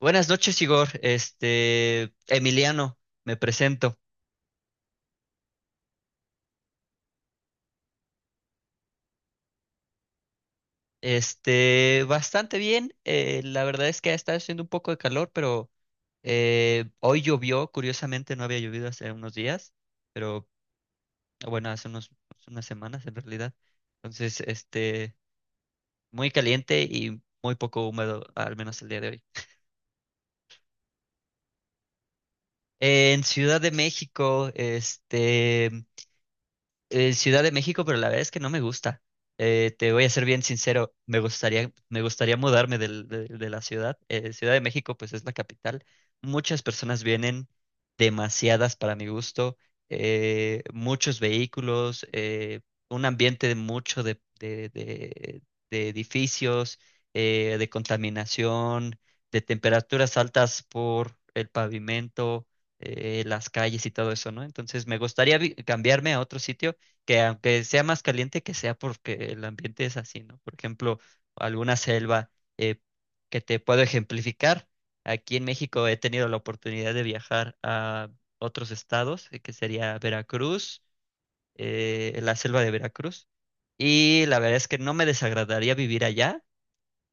Buenas noches, Igor. Emiliano, me presento. Bastante bien. La verdad es que ha estado haciendo un poco de calor, pero hoy llovió. Curiosamente, no había llovido hace unos días, pero bueno, hace unas semanas en realidad. Entonces, muy caliente y muy poco húmedo, al menos el día de hoy. En Ciudad de México, Ciudad de México, pero la verdad es que no me gusta. Te voy a ser bien sincero, me gustaría mudarme de la ciudad. Ciudad de México, pues es la capital. Muchas personas vienen, demasiadas para mi gusto, muchos vehículos, un ambiente de mucho de edificios, de contaminación, de temperaturas altas por el pavimento, las calles y todo eso, ¿no? Entonces me gustaría cambiarme a otro sitio que aunque sea más caliente que sea porque el ambiente es así, ¿no? Por ejemplo, alguna selva, eh, que te puedo ejemplificar. Aquí en México he tenido la oportunidad de viajar a otros estados, que sería Veracruz, la selva de Veracruz, y la verdad es que no me desagradaría vivir allá.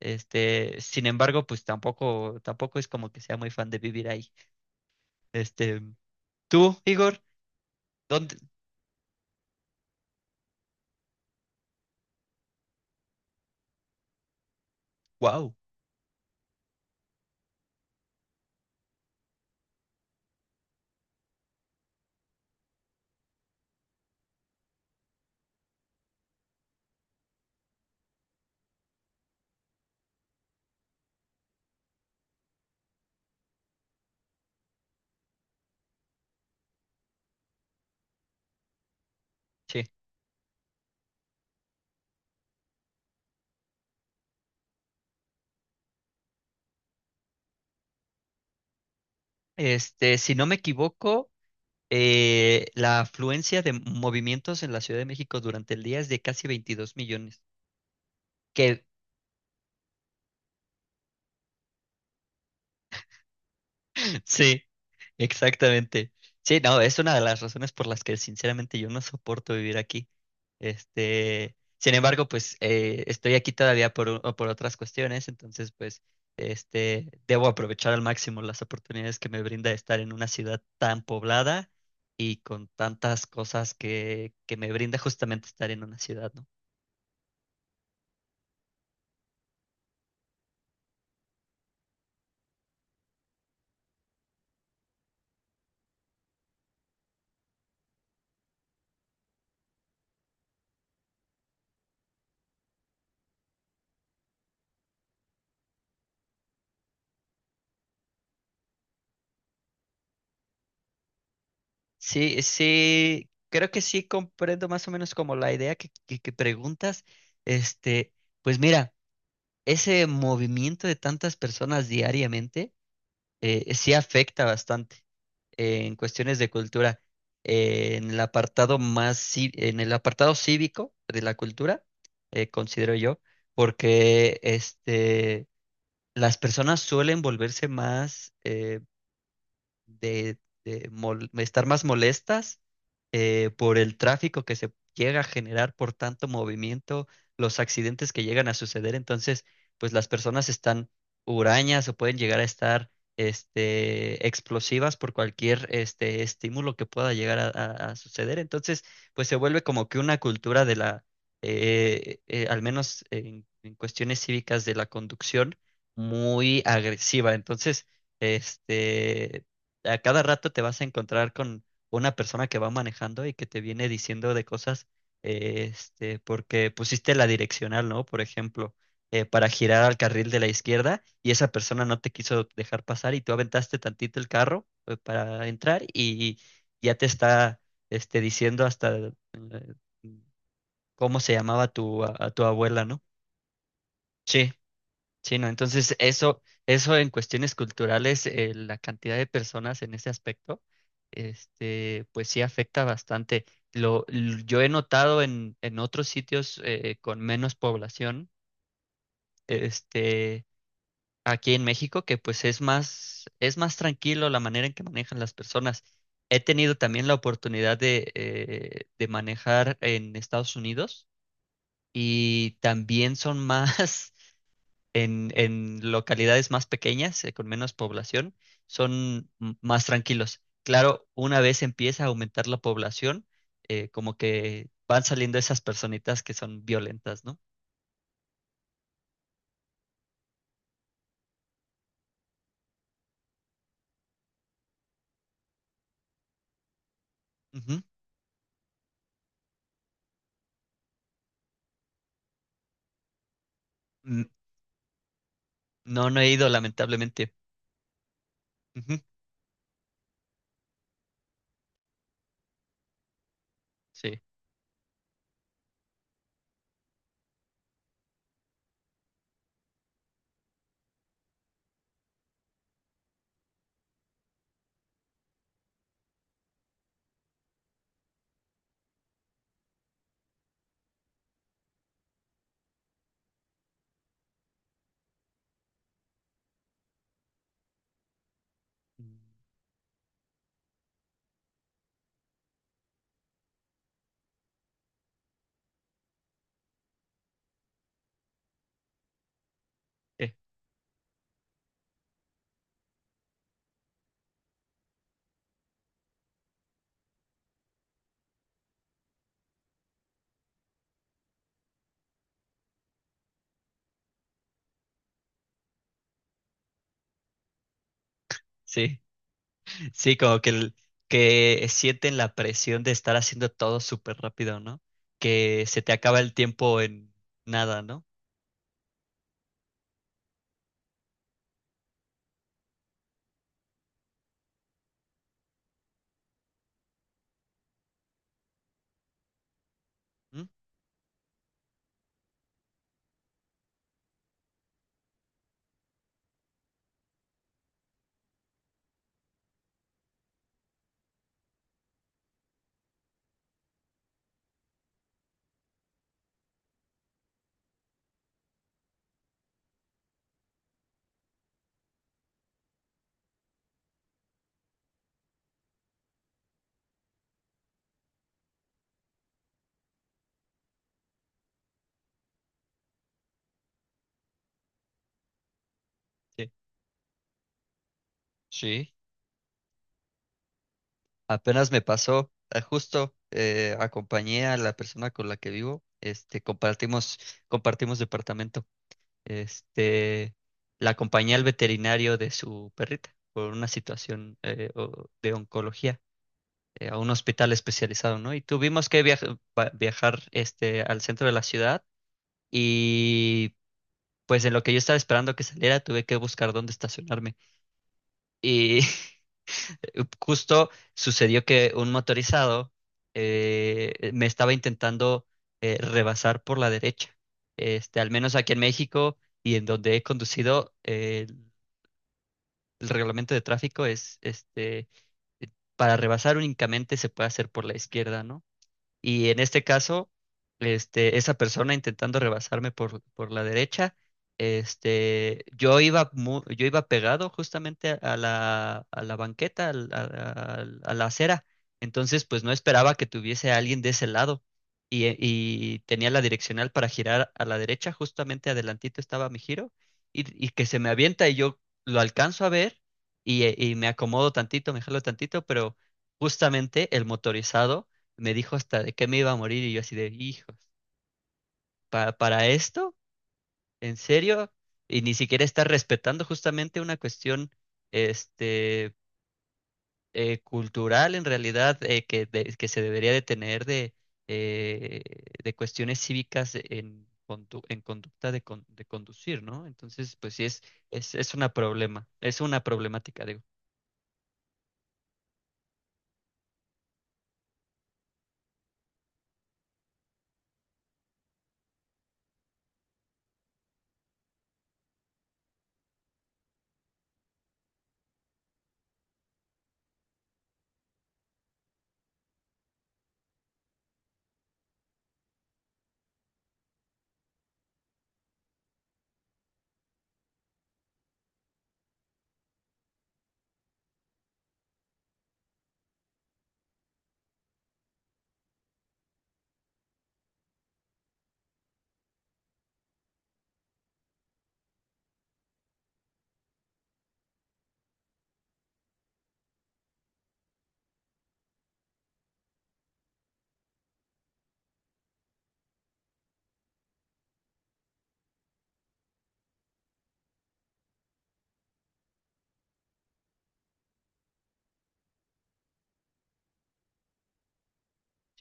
Sin embargo, pues tampoco es como que sea muy fan de vivir ahí. Este, Tú, Igor, ¿dónde? Wow, sí. Si no me equivoco, la afluencia de movimientos en la Ciudad de México durante el día es de casi 22 millones. Que sí, exactamente. Sí, no, es una de las razones por las que sinceramente yo no soporto vivir aquí. Sin embargo, pues estoy aquí todavía por otras cuestiones, entonces pues debo aprovechar al máximo las oportunidades que me brinda estar en una ciudad tan poblada y con tantas cosas que me brinda justamente estar en una ciudad, ¿no? Sí, sí, creo que sí comprendo más o menos como la idea que preguntas. Este, pues mira, ese movimiento de tantas personas diariamente, sí afecta bastante en cuestiones de cultura. En el apartado cívico de la cultura, considero yo, porque las personas suelen volverse más, de, estar más molestas, por el tráfico que se llega a generar por tanto movimiento, los accidentes que llegan a suceder. Entonces, pues las personas están hurañas o pueden llegar a estar explosivas por cualquier estímulo que pueda llegar a suceder. Entonces, pues se vuelve como que una cultura de la, al menos en cuestiones cívicas de la conducción, muy agresiva. Entonces, este, a cada rato te vas a encontrar con una persona que va manejando y que te viene diciendo de cosas, porque pusiste la direccional, ¿no? Por ejemplo, para girar al carril de la izquierda y esa persona no te quiso dejar pasar y tú aventaste tantito el carro, para entrar y ya te está, diciendo hasta, mm, cómo se llamaba a tu abuela, ¿no? Sí. Sí, ¿no? Entonces, eso en cuestiones culturales, la cantidad de personas en ese aspecto, pues sí afecta bastante. Yo he notado en otros sitios, con menos población, este, aquí en México, que pues es más tranquilo la manera en que manejan las personas. He tenido también la oportunidad de manejar en Estados Unidos y también son más en localidades más pequeñas, con menos población, son más tranquilos. Claro, una vez empieza a aumentar la población, como que van saliendo esas personitas que son violentas, ¿no? Ujú. Mm. No, no he ido, lamentablemente. Ujú. Sí. Mm, eh, Sí, sí, que sienten la presión de estar haciendo todo súper rápido, ¿no? Que se te acaba el tiempo en nada, ¿no? Mm. Sí. Sí. Apenas me pasó, justo acompañé a la persona con la que vivo, compartimos departamento. Este, la acompañé al veterinario de su perrita por una situación, de oncología, a un hospital especializado, ¿no? Y tuvimos que viajar, al centro de la ciudad y pues en lo que yo estaba esperando que saliera, tuve que buscar dónde estacionarme. Y justo sucedió que un motorizado me estaba intentando, rebasar por la derecha. Al menos aquí en México y en donde he conducido, el reglamento de tráfico es, para rebasar únicamente se puede hacer por la izquierda, ¿no? Y en este caso, esa persona intentando rebasarme por la derecha, yo iba pegado justamente a la banqueta, a la acera. Entonces, pues no esperaba que tuviese a alguien de ese lado. Y tenía la direccional para girar a la derecha, justamente adelantito estaba mi giro, y que se me avienta y yo lo alcanzo a ver y me acomodo tantito, me jalo tantito, pero justamente el motorizado me dijo hasta de que me iba a morir y yo así de, hijos, ¿para esto? ¿En serio? Y ni siquiera está respetando justamente una cuestión este, cultural en realidad, que se debería de tener eh, de cuestiones cívicas en, en conducta de, de conducir, ¿no? Entonces, pues sí, es una problema, es una problemática, digo.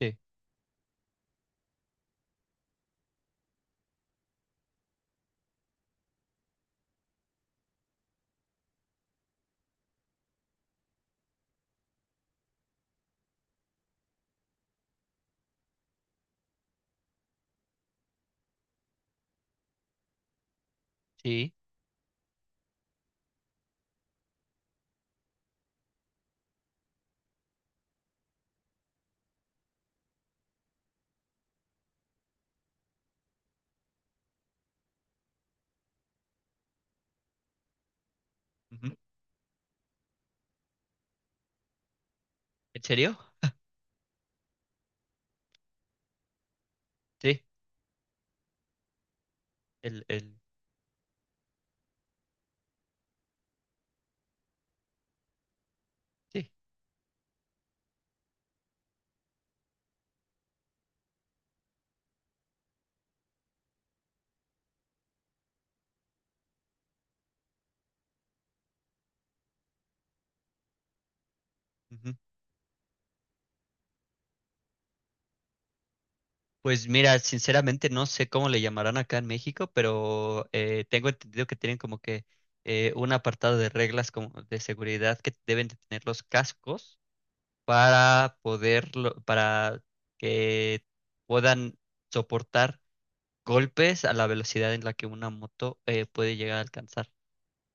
Sí, sí. Ujú. ¿En serio? Sí, el, el, sí. Pues mira, sinceramente no sé cómo le llamarán acá en México, pero tengo entendido que tienen como que un apartado de reglas como de seguridad que deben de tener los cascos para poderlo, para que puedan soportar golpes a la velocidad en la que una moto puede llegar a alcanzar.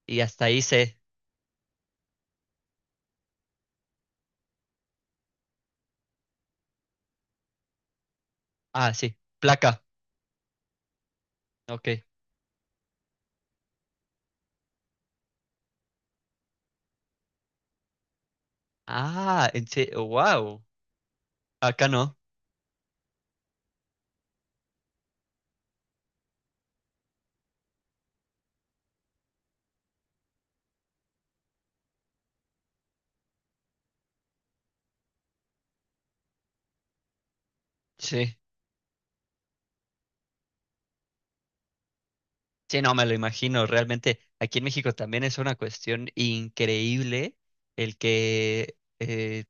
Y hasta ahí se. Ah, sí, placa. Ok. Ah, en sí, wow. Acá no. Sí. Sí, no, me lo imagino. Realmente aquí en México también es una cuestión increíble el que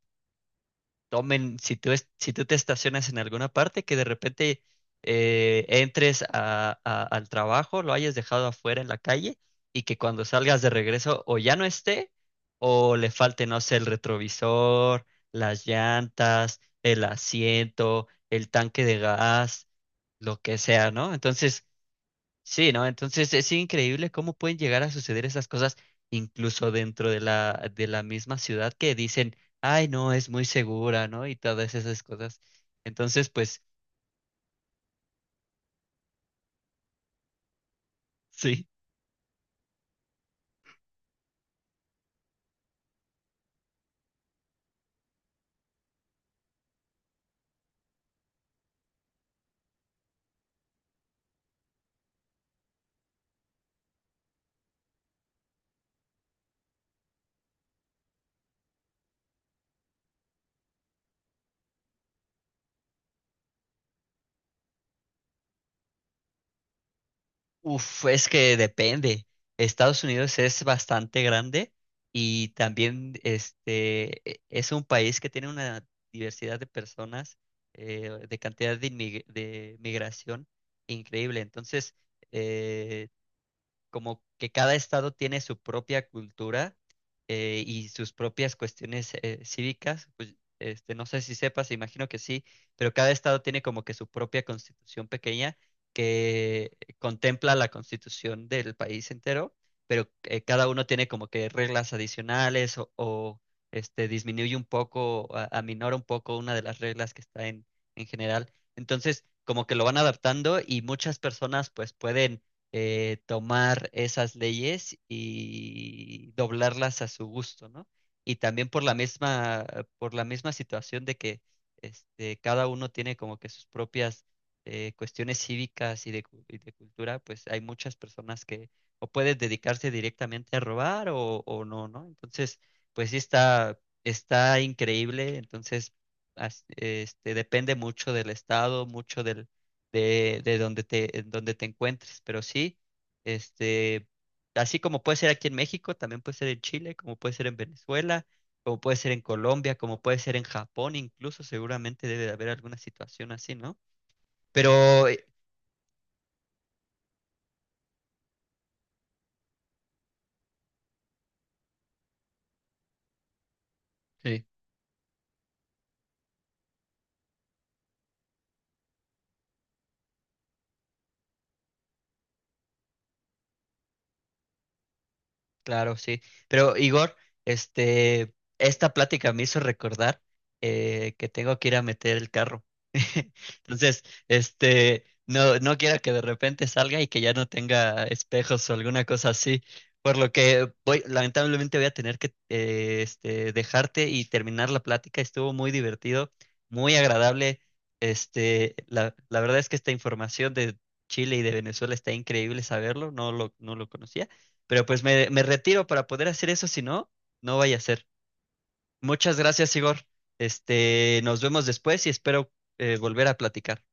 tomen, si tú te estacionas en alguna parte, que de repente entres al trabajo, lo hayas dejado afuera en la calle y que cuando salgas de regreso o ya no esté o le falte, no sé, el retrovisor, las llantas, el asiento, el tanque de gas, lo que sea, ¿no? Entonces... Sí, ¿no? Entonces es increíble cómo pueden llegar a suceder esas cosas incluso dentro de la misma ciudad que dicen, ay, no, es muy segura, ¿no? Y todas esas cosas. Entonces, pues sí, uf, es que depende. Estados Unidos es bastante grande y también es un país que tiene una diversidad de personas, de cantidad de, inmig- de migración increíble. Entonces, eh, como que cada estado tiene su propia cultura, y sus propias cuestiones, cívicas, pues no sé si sepas, imagino que sí, pero cada estado tiene como que su propia constitución pequeña que contempla la constitución del país entero, pero cada uno tiene como que reglas adicionales este, disminuye un poco, aminora un poco una de las reglas que está en general. Entonces, como que lo van adaptando y muchas personas pues pueden tomar esas leyes y doblarlas a su gusto, ¿no? Y también por la misma situación de que cada uno tiene como que sus propias, cuestiones cívicas y de, y de cultura, pues hay muchas personas que o pueden dedicarse directamente a robar o no, ¿no? Entonces, pues sí está, está increíble, entonces, depende mucho del estado, mucho del de donde en donde te encuentres. Pero sí, este, así como puede ser aquí en México, también puede ser en Chile, como puede ser en Venezuela, como puede ser en Colombia, como puede ser en Japón, incluso seguramente debe de haber alguna situación así, ¿no? Pero sí. Claro, sí. Pero Igor, esta plática me hizo recordar que tengo que ir a meter el carro. Entonces, no, no quiero que de repente salga y que ya no tenga espejos o alguna cosa así. Por lo que voy, lamentablemente voy a tener que dejarte y terminar la plática. Estuvo muy divertido, muy agradable. La verdad es que esta información de Chile y de Venezuela está increíble saberlo, no lo conocía. Pero pues me retiro para poder hacer eso, si no, no vaya a ser. Muchas gracias, Igor. Nos vemos después y espero volver a platicar.